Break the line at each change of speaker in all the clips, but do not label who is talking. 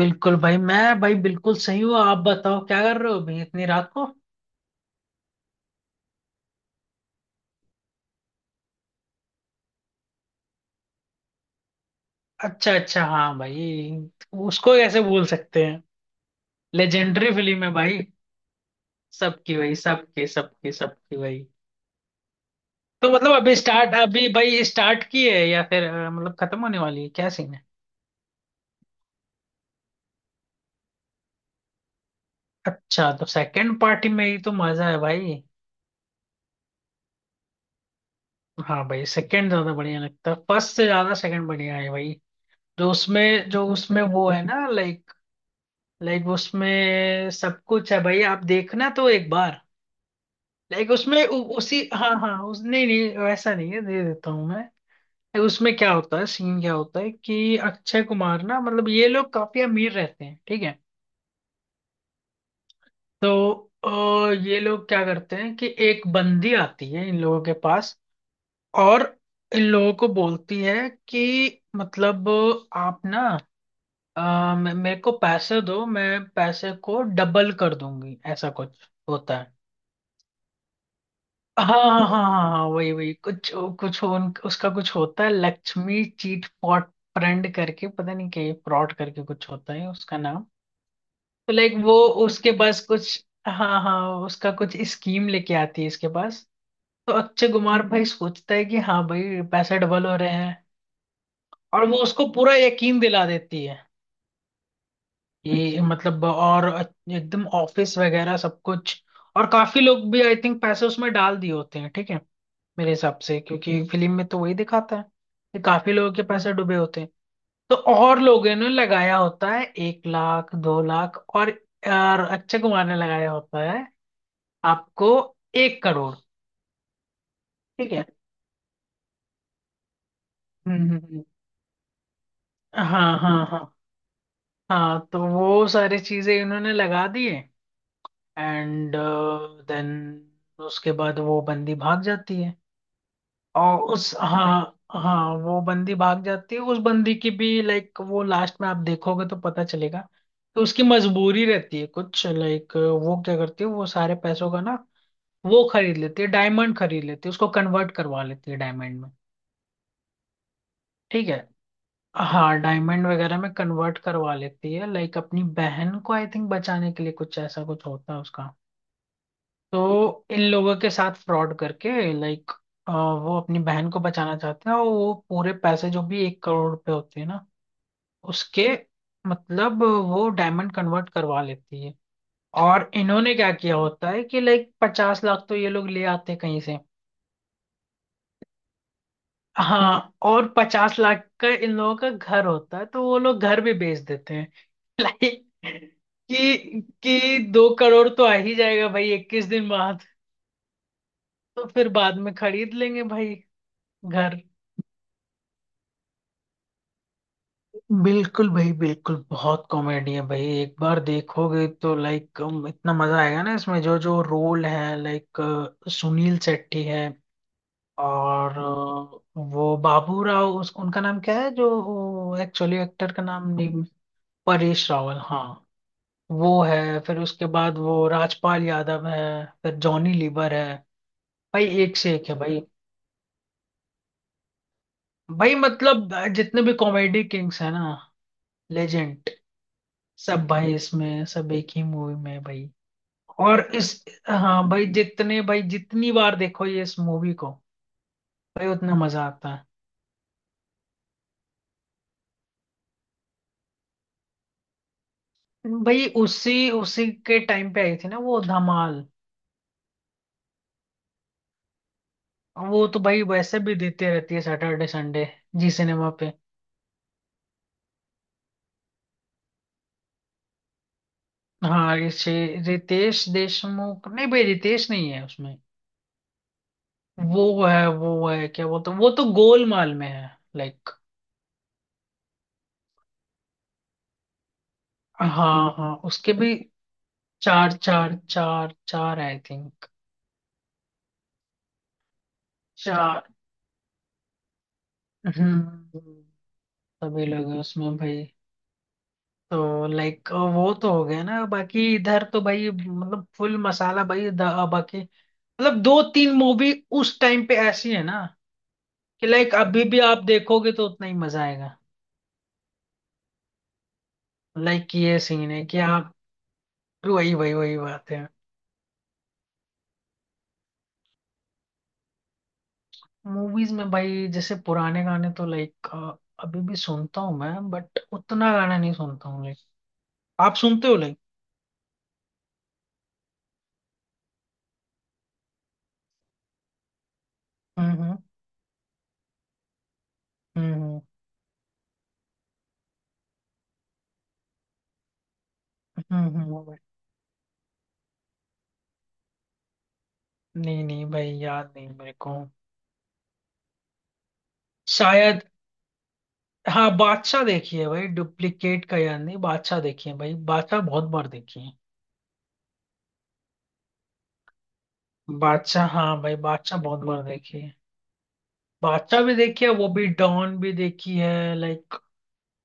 बिल्कुल भाई, मैं भाई बिल्कुल सही हूँ। आप बताओ क्या कर रहे हो भाई इतनी रात को। अच्छा अच्छा, हाँ भाई। उसको कैसे भूल सकते हैं। लेजेंडरी फिल्म है भाई। सबकी भाई सबकी सबकी सबकी भाई। तो मतलब अभी भाई स्टार्ट की है या फिर मतलब खत्म होने वाली है, क्या सीन है? अच्छा, तो सेकंड पार्टी में ही तो मजा है भाई। हाँ भाई, सेकंड ज्यादा बढ़िया लगता है, फर्स्ट से ज्यादा सेकंड बढ़िया है भाई। जो उसमें वो है ना, लाइक। उसमें सब कुछ है भाई, आप देखना तो एक बार। लाइक उसमें उसी, हाँ हाँ, उस नहीं, नहीं वैसा नहीं है, दे देता हूँ मैं। Like, उसमें क्या होता है, सीन क्या होता है कि अक्षय कुमार ना मतलब ये लोग काफी अमीर रहते हैं, ठीक है। तो ये लोग क्या करते हैं कि एक बंदी आती है इन लोगों के पास। और इन लोगों को बोलती है कि मतलब आप ना मेरे को पैसे दो, मैं पैसे को डबल कर दूंगी, ऐसा कुछ होता है। हाँ हाँ हाँ। हाँ, वही वही कुछ, उसका कुछ होता है, लक्ष्मी चीट फॉट फ्रेंड करके, पता नहीं क्या फ्रॉड करके, कुछ होता है उसका नाम। तो लाइक वो, उसके पास कुछ, हाँ हाँ, उसका कुछ स्कीम लेके आती है इसके पास। तो अक्षय कुमार भाई सोचता है कि हाँ भाई पैसे डबल हो रहे हैं, और वो उसको पूरा यकीन दिला देती है। ये मतलब, और एकदम ऑफिस वगैरह सब कुछ, और काफी लोग भी आई थिंक पैसे उसमें डाल दिए होते हैं, ठीक है। मेरे हिसाब से, क्योंकि फिल्म में तो वही दिखाता है कि काफी लोगों के पैसे डूबे होते हैं। तो और लोगों ने लगाया होता है एक लाख दो लाख, और अक्षय कुमार ने लगाया होता है आपको एक करोड़। ठीक है। हम्म हम्म, हम्म। हाँ हाँ हाँ। हाँ, तो वो सारी चीजें इन्होंने लगा दी है। एंड देन उसके बाद वो बंदी भाग जाती है। और उस, हाँ हाँ, वो बंदी भाग जाती है, उस बंदी की भी लाइक वो लास्ट में आप देखोगे तो पता चलेगा। तो उसकी मजबूरी रहती है कुछ, लाइक वो क्या करती है, वो सारे पैसों का ना, वो खरीद लेती है डायमंड, खरीद लेती है, उसको कन्वर्ट करवा लेती है डायमंड में। ठीक है। हाँ, डायमंड वगैरह में कन्वर्ट करवा लेती है लाइक अपनी बहन को आई थिंक बचाने के लिए कुछ, ऐसा कुछ होता है उसका। तो इन लोगों के साथ फ्रॉड करके लाइक वो अपनी बहन को बचाना चाहते हैं, और वो पूरे पैसे जो भी एक करोड़ रुपए होते हैं ना उसके, मतलब वो डायमंड कन्वर्ट करवा लेती है। और इन्होंने क्या किया होता है कि लाइक पचास लाख तो ये लोग ले आते हैं कहीं से। हाँ, और पचास लाख का इन लोगों का घर होता है, तो वो लोग घर भी बेच देते हैं। लाइक कि दो करोड़ तो आ ही जाएगा भाई इक्कीस दिन बाद, तो फिर बाद में खरीद लेंगे भाई घर। बिल्कुल भाई, बिल्कुल, बहुत कॉमेडी है भाई, एक बार देखोगे तो लाइक इतना मजा आएगा ना, इसमें जो जो रोल है, लाइक सुनील शेट्टी है। और वो बाबू राव, उस उनका नाम क्या है, जो एक्चुअली एक्टर का नाम नहीं। परेश रावल, हाँ। वो है, फिर उसके बाद वो राजपाल यादव है, फिर जॉनी लीवर है। भाई एक से एक है भाई। भाई मतलब जितने भी कॉमेडी किंग्स है ना, लेजेंड, सब भाई इसमें, सब एक ही मूवी में है भाई। और इस, हाँ भाई, जितने भाई जितनी बार देखो ये इस मूवी को भाई, उतना मजा आता है। भाई उसी उसी के टाइम पे आई थी ना वो, धमाल। वो तो भाई वैसे भी देते रहती है सैटरडे संडे जी सिनेमा पे। हाँ रितेश देशमुख, नहीं भाई रितेश नहीं है उसमें। वो है, वो है क्या बोलते, तो वो तो गोलमाल में है, लाइक। हाँ हाँ, उसके भी। चार चार चार चार आई थिंक। चार। हम्म। सभी लोग हैं उसमें भाई। तो लाइक वो तो हो गया ना, बाकी इधर तो भाई मतलब फुल मसाला भाई, बाकी मतलब दो तीन मूवी उस टाइम पे ऐसी है ना कि लाइक अभी भी आप देखोगे तो उतना ही मजा आएगा। लाइक ये सीन है कि आप, वही वही वही बात है। मूवीज में भाई जैसे पुराने गाने तो लाइक अभी भी सुनता हूँ मैं, बट उतना गाना नहीं सुनता हूँ लाइक आप सुनते हो लाइक। हम्म हम्म हम्म हम्म। नहीं नहीं भाई, याद नहीं मेरे को। शायद। हाँ, बादशाह देखी है भाई, डुप्लीकेट का याद नहीं, बादशाह देखी है भाई, बादशाह बहुत बार देखी है। बादशाह, हाँ भाई, बादशाह बहुत बार देखी है। बादशाह भी देखी है, वो भी, डॉन भी देखी है लाइक।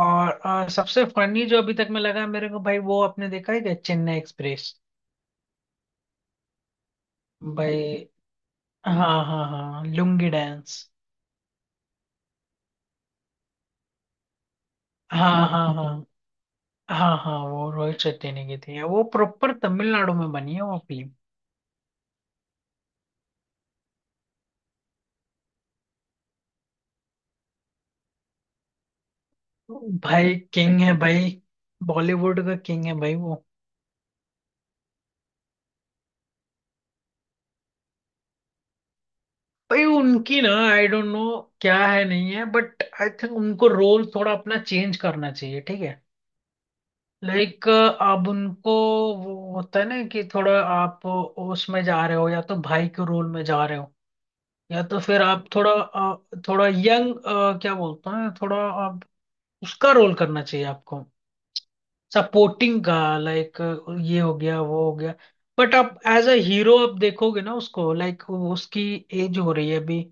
और सबसे फनी जो अभी तक में लगा मेरे को भाई वो, आपने देखा है क्या चेन्नई एक्सप्रेस? भाई, हाँ हाँ हाँ, लुंगी डांस। हाँ हाँ हाँ। हाँ हाँ, वो रोहित शेट्टी ने की थी वो, प्रॉपर तमिलनाडु में बनी है वो फिल्म। भाई किंग है भाई, बॉलीवुड का किंग है भाई वो। भाई उनकी ना, आई डोंट नो क्या है, नहीं है, बट आई थिंक उनको रोल थोड़ा अपना चेंज करना चाहिए ठीक है। लाइक अब उनको, वो होता है ना कि थोड़ा आप उसमें जा रहे हो, या तो भाई के रोल में जा रहे हो, या तो फिर आप थोड़ा थोड़ा यंग, क्या बोलते हैं, थोड़ा आप उसका रोल करना चाहिए आपको, सपोर्टिंग का लाइक, ये हो गया वो हो गया, बट आप एज अ हीरो आप देखोगे ना उसको, लाइक उसकी एज हो रही है अभी,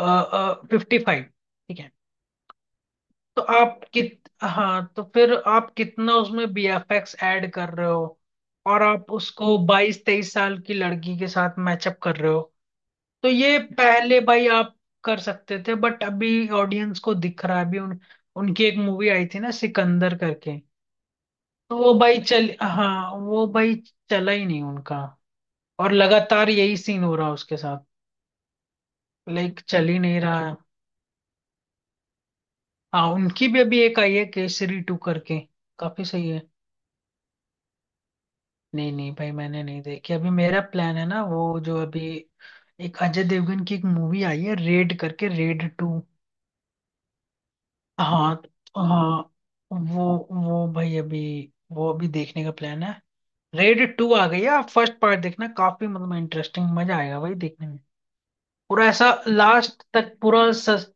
फिफ्टी फाइव। तो आप कित हाँ, तो फिर आप कितना उसमें बीएफएक्स ऐड कर रहे हो, और आप उसको बाईस तेईस साल की लड़की के साथ मैचअप कर रहे हो। तो ये पहले भाई आप कर सकते थे, बट अभी ऑडियंस को दिख रहा है। अभी उन उनकी एक मूवी आई थी ना सिकंदर करके, तो वो भाई चल हाँ वो भाई चला ही नहीं उनका, और लगातार यही सीन हो रहा है उसके साथ, लाइक चल ही नहीं रहा है। हाँ, उनकी भी अभी एक आई है केसरी टू करके, काफी सही है। नहीं नहीं भाई, मैंने नहीं देखी अभी। मेरा प्लान है ना वो जो अभी, एक अजय देवगन की एक मूवी आई है रेड करके, रेड टू। हाँ हाँ। वो वो भाई अभी वो अभी देखने का प्लान है। रेड टू आ गई है, आप फर्स्ट पार्ट देखना, काफी मतलब इंटरेस्टिंग, मजा आएगा भाई देखने में। पूरा ऐसा लास्ट तक पूरा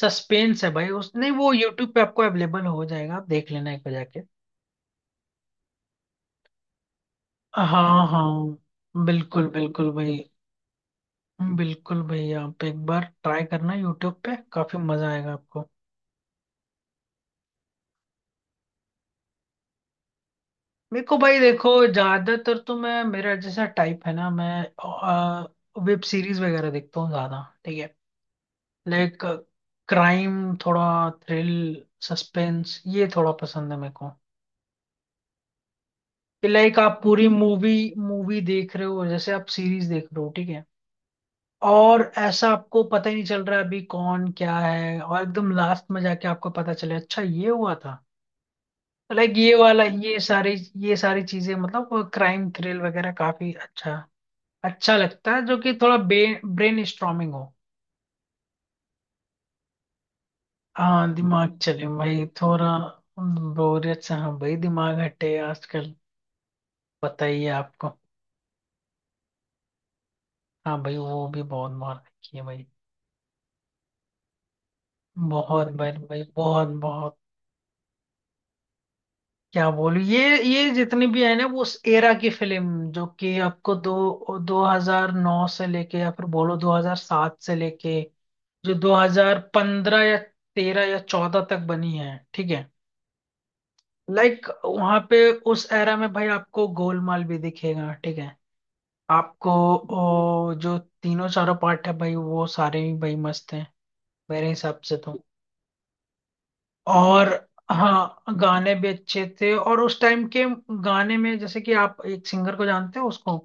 सस्पेंस है भाई उसने, वो यूट्यूब पे आपको अवेलेबल हो जाएगा, आप देख लेना एक बार जाके। हाँ हाँ, बिल्कुल बिल्कुल भाई, बिल्कुल भाई आप एक बार ट्राई करना यूट्यूब पे, काफी मजा आएगा आपको। मेरे को भाई देखो, ज्यादातर तो मैं, मेरा जैसा टाइप है ना, मैं वेब सीरीज वगैरह देखता हूँ ज्यादा, ठीक है। लाइक क्राइम, थोड़ा थ्रिल, सस्पेंस, ये थोड़ा पसंद है मेरे को। कि लाइक आप पूरी मूवी मूवी देख रहे हो जैसे आप सीरीज देख रहे हो ठीक है। और ऐसा आपको पता ही नहीं चल रहा है अभी कौन क्या है, और एकदम लास्ट में जाके आपको पता चले अच्छा ये हुआ था। लाइक ये वाला, ये सारी चीजें, मतलब क्राइम थ्रिल वगैरह काफी अच्छा, अच्छा लगता है, जो कि थोड़ा ब्रेन स्ट्रॉमिंग हो। हाँ दिमाग चले भाई थोड़ा, बोरियत से, हाँ भाई दिमाग हटे आजकल, पता ही है आपको। हाँ भाई वो भी बहुत मार रखी है भाई। बहुत भाई भाई बहुत बहुत क्या बोलूं, ये जितनी भी है ना वो उस एरा की फिल्म, जो कि आपको दो 2009 से लेके, या फिर बोलो 2007 से लेके जो 2015 या 13 या 14 तक बनी है, ठीक है। लाइक वहां पे उस एरा में भाई आपको गोलमाल भी दिखेगा, ठीक है। आपको, जो तीनों चारों पार्ट है भाई वो सारे ही भाई मस्त हैं मेरे हिसाब से तो। और, हाँ गाने भी अच्छे थे, और उस टाइम के गाने में जैसे कि आप एक सिंगर को जानते हो उसको,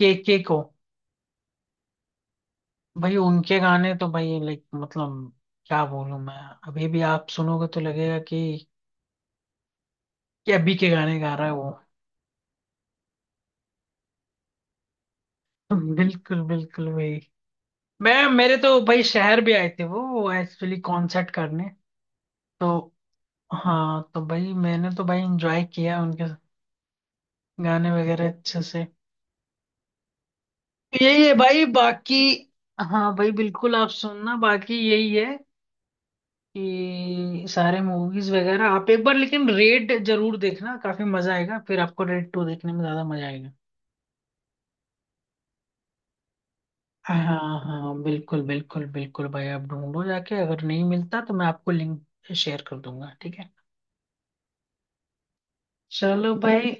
के को। भाई उनके गाने तो भाई लाइक मतलब, क्या बोलूं मैं, अभी भी आप सुनोगे तो लगेगा कि अभी के गाने गा रहा है वो। बिल्कुल बिल्कुल वही, मैं मेरे तो भाई शहर भी आए थे वो एक्चुअली कॉन्सर्ट करने तो, हाँ तो भाई मैंने तो भाई एंजॉय किया उनके गाने वगैरह अच्छे से। तो यही है भाई बाकी, हाँ भाई बिल्कुल आप सुनना, बाकी यही है कि सारे मूवीज वगैरह आप एक बार, लेकिन रेड जरूर देखना काफी मजा आएगा, फिर आपको रेड टू देखने में ज्यादा मजा आएगा। हाँ हाँ, बिल्कुल बिल्कुल बिल्कुल भाई, आप ढूंढो जाके, अगर नहीं मिलता तो मैं आपको लिंक शेयर कर दूंगा, ठीक है। चलो भाई,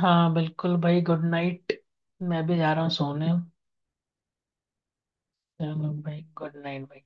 हाँ बिल्कुल भाई गुड नाइट, मैं भी जा रहा हूँ सोने। चलो भाई, गुड नाइट भाई।